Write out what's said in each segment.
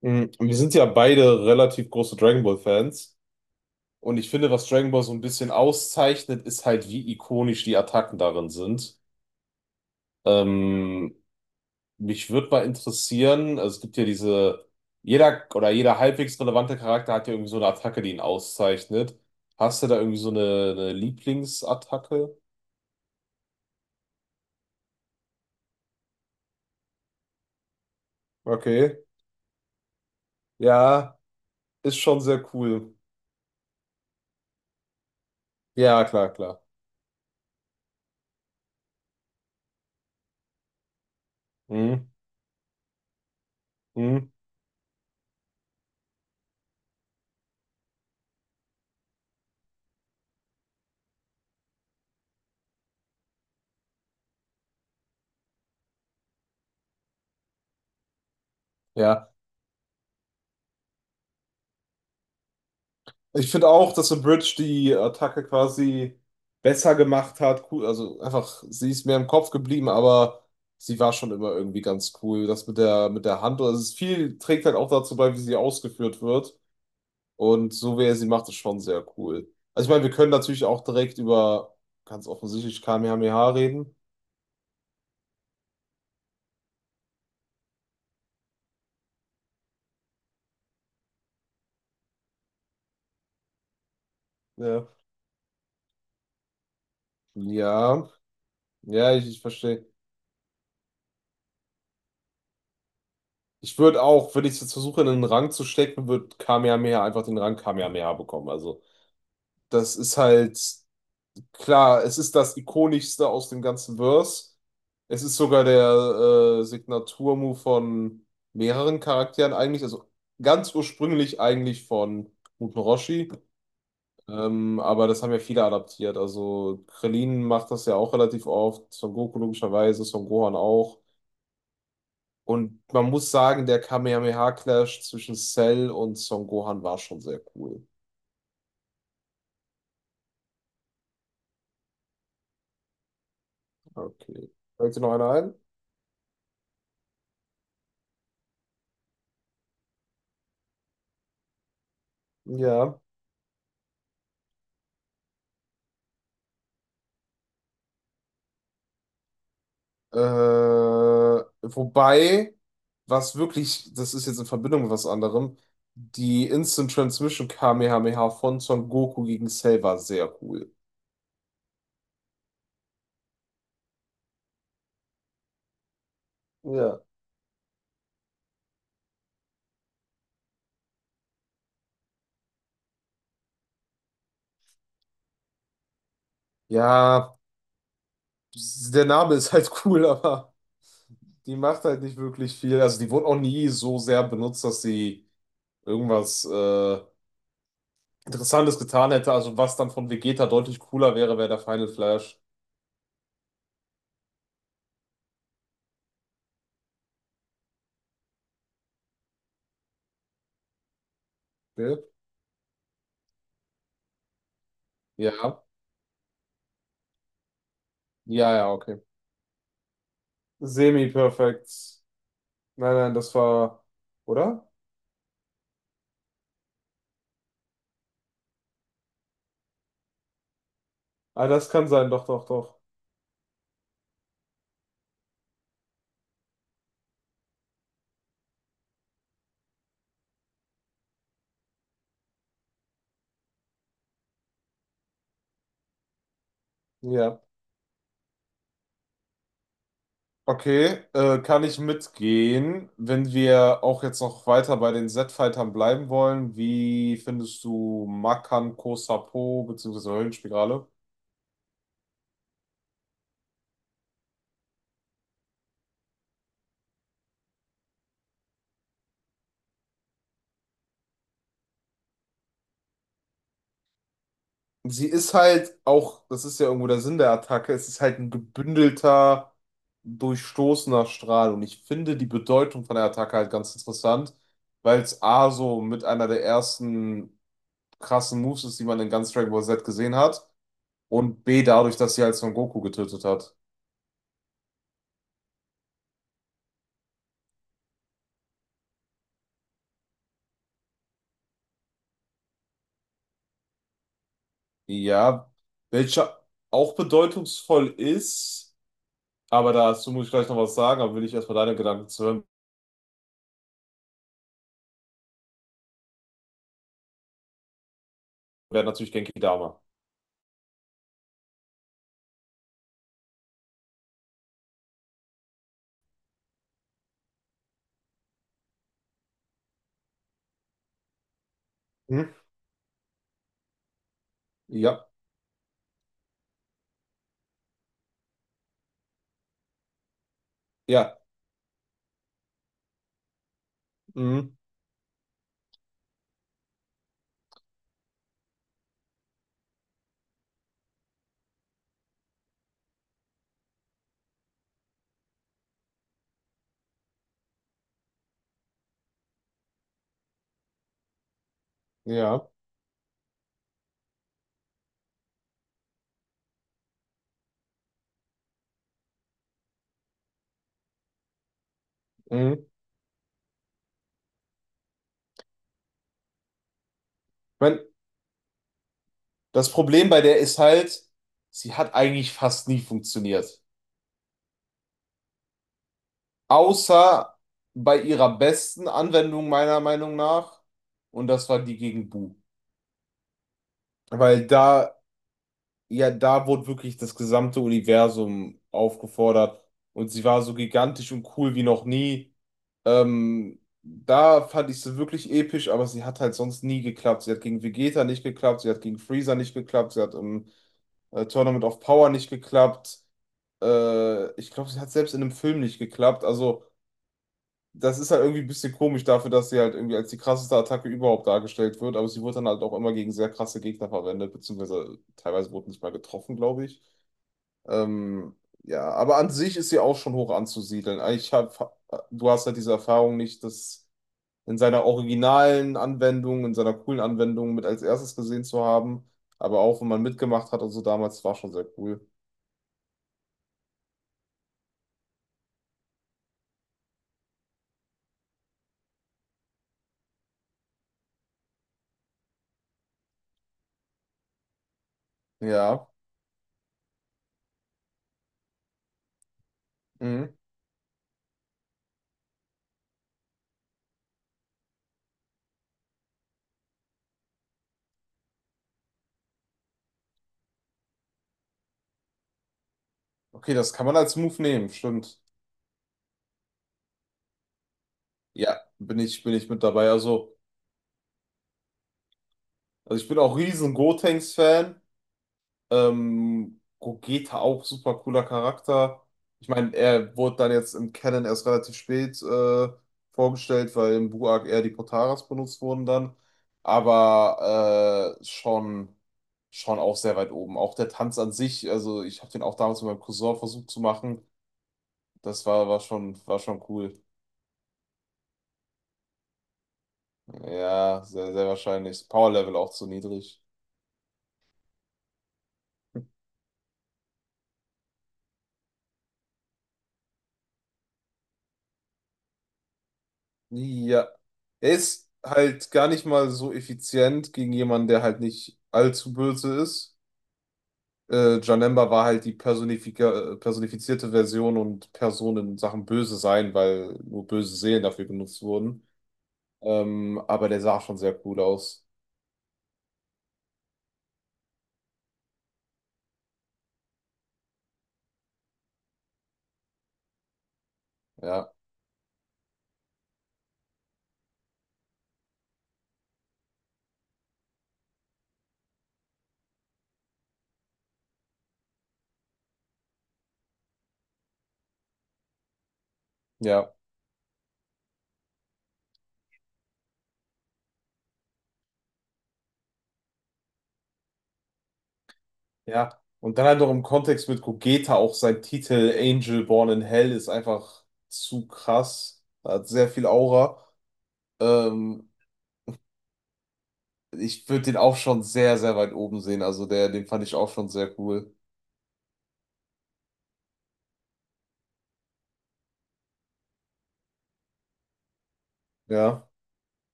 Mhm. Und wir sind ja beide relativ große Dragon Ball Fans. Und ich finde, was Dragon Ball so ein bisschen auszeichnet, ist halt, wie ikonisch die Attacken darin sind. Ähm, mich würde mal interessieren, also es gibt ja diese, jeder oder jeder halbwegs relevante Charakter hat ja irgendwie so eine Attacke, die ihn auszeichnet. Hast du da irgendwie so eine Lieblingsattacke? Okay. Ja, ist schon sehr cool. Ja, klar, klar. Mhm. Mhm. Ja. Ich finde auch, dass The Bridge die Attacke quasi besser gemacht hat. Cool, also einfach, sie ist mir im Kopf geblieben, aber sie war schon immer irgendwie ganz cool. Das mit der Hand, also es ist viel trägt halt auch dazu bei, wie sie ausgeführt wird. Und so wie er sie macht, ist schon sehr cool. Also ich meine, wir können natürlich auch direkt über ganz offensichtlich Kamehameha reden. Ja. Ja, ja, ich verstehe. Ich würde auch, wenn ich es jetzt versuche, in einen Rang zu stecken, wird Kamehameha einfach den Rang Kamehameha bekommen. Also, das ist halt. Klar, es ist das ikonischste aus dem ganzen Verse. Es ist sogar der Signaturmove von mehreren Charakteren eigentlich, also ganz ursprünglich eigentlich von Muten Roshi, aber das haben ja viele adaptiert. Also Krillin macht das ja auch relativ oft, Son Goku logischerweise, Son Gohan auch. Und man muss sagen, der Kamehameha-Clash zwischen Cell und Son Gohan war schon sehr cool. Okay. Fällt dir noch einer ein? Ja. Wobei, was wirklich, das ist jetzt in Verbindung mit was anderem, die Instant Transmission Kamehameha von Son Goku gegen Cell war sehr cool. Ja. Ja, der Name ist halt cool, aber die macht halt nicht wirklich viel. Also die wurde auch nie so sehr benutzt, dass sie irgendwas Interessantes getan hätte. Also was dann von Vegeta deutlich cooler wäre, wäre der Final Flash. Okay. Ja, ja, ja, okay. Semi-perfekt. Nein, nein, das war, oder? Ah, das kann sein, doch, doch, doch. Ja. Okay, kann ich mitgehen, wenn wir auch jetzt noch weiter bei den Z-Fightern bleiben wollen. Wie findest du Makan Kosapo beziehungsweise Höllenspirale? Sie ist halt auch, das ist ja irgendwo der Sinn der Attacke, es ist halt ein gebündelter, durchstoßener Strahl. Und ich finde die Bedeutung von der Attacke halt ganz interessant, weil es A so mit einer der ersten krassen Moves ist, die man in ganz Dragon Ball Z gesehen hat. Und B, dadurch, dass sie halt Son Goku getötet hat. Ja, welcher auch bedeutungsvoll ist, aber dazu muss ich gleich noch was sagen, aber will ich erstmal deine Gedanken zu hören, wäre natürlich Genki Dama. Hm? Ja, ja, mhm. Ja. Mhm. Ich mein, das Problem bei der ist halt, sie hat eigentlich fast nie funktioniert. Außer bei ihrer besten Anwendung meiner Meinung nach, und das war die gegen Bu. Weil da ja, da wurde wirklich das gesamte Universum aufgefordert und sie war so gigantisch und cool wie noch nie. Da fand ich sie wirklich episch, aber sie hat halt sonst nie geklappt. Sie hat gegen Vegeta nicht geklappt, sie hat gegen Freezer nicht geklappt, sie hat im Tournament of Power nicht geklappt. Ich glaube, sie hat selbst in einem Film nicht geklappt. Also, das ist halt irgendwie ein bisschen komisch dafür, dass sie halt irgendwie als die krasseste Attacke überhaupt dargestellt wird, aber sie wurde dann halt auch immer gegen sehr krasse Gegner verwendet, beziehungsweise teilweise wurde nicht mal getroffen, glaube ich. Ähm, ja, aber an sich ist sie auch schon hoch anzusiedeln. Ich hab, du hast halt diese Erfahrung nicht, das in seiner originalen Anwendung, in seiner coolen Anwendung mit als erstes gesehen zu haben. Aber auch wenn man mitgemacht hat, also damals war schon sehr cool. Ja. Mhm. Okay, das kann man als Move nehmen, stimmt. Ja, bin ich mit dabei. Also ich bin auch riesen Gotenks-Fan. Gogeta auch super cooler Charakter. Ich meine, er wurde dann jetzt im Canon erst relativ spät vorgestellt, weil im Blue Arc eher die Potaras benutzt wurden dann. Aber schon auch sehr weit oben. Auch der Tanz an sich, also ich habe den auch damals mit meinem Cousin versucht zu machen. Das war, war schon cool. Ja, sehr, sehr wahrscheinlich. Power Level auch zu niedrig. Ja, er ist halt gar nicht mal so effizient gegen jemanden, der halt nicht allzu böse ist. Janemba war halt die personifizierte Version und Person in Sachen Böse sein, weil nur böse Seelen dafür genutzt wurden. Aber der sah schon sehr cool aus. Ja, ja, ja. Und dann halt noch im Kontext mit Gogeta auch sein Titel Angel Born in Hell ist einfach zu krass. Er hat sehr viel Aura. Ähm, Ich würde den auch schon sehr, sehr weit oben sehen. Also der, den fand ich auch schon sehr cool. Ja,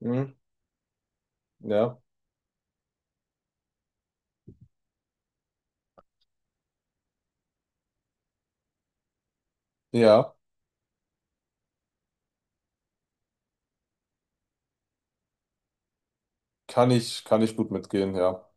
mhm. Ja. Ja, kann ich gut mitgehen, ja.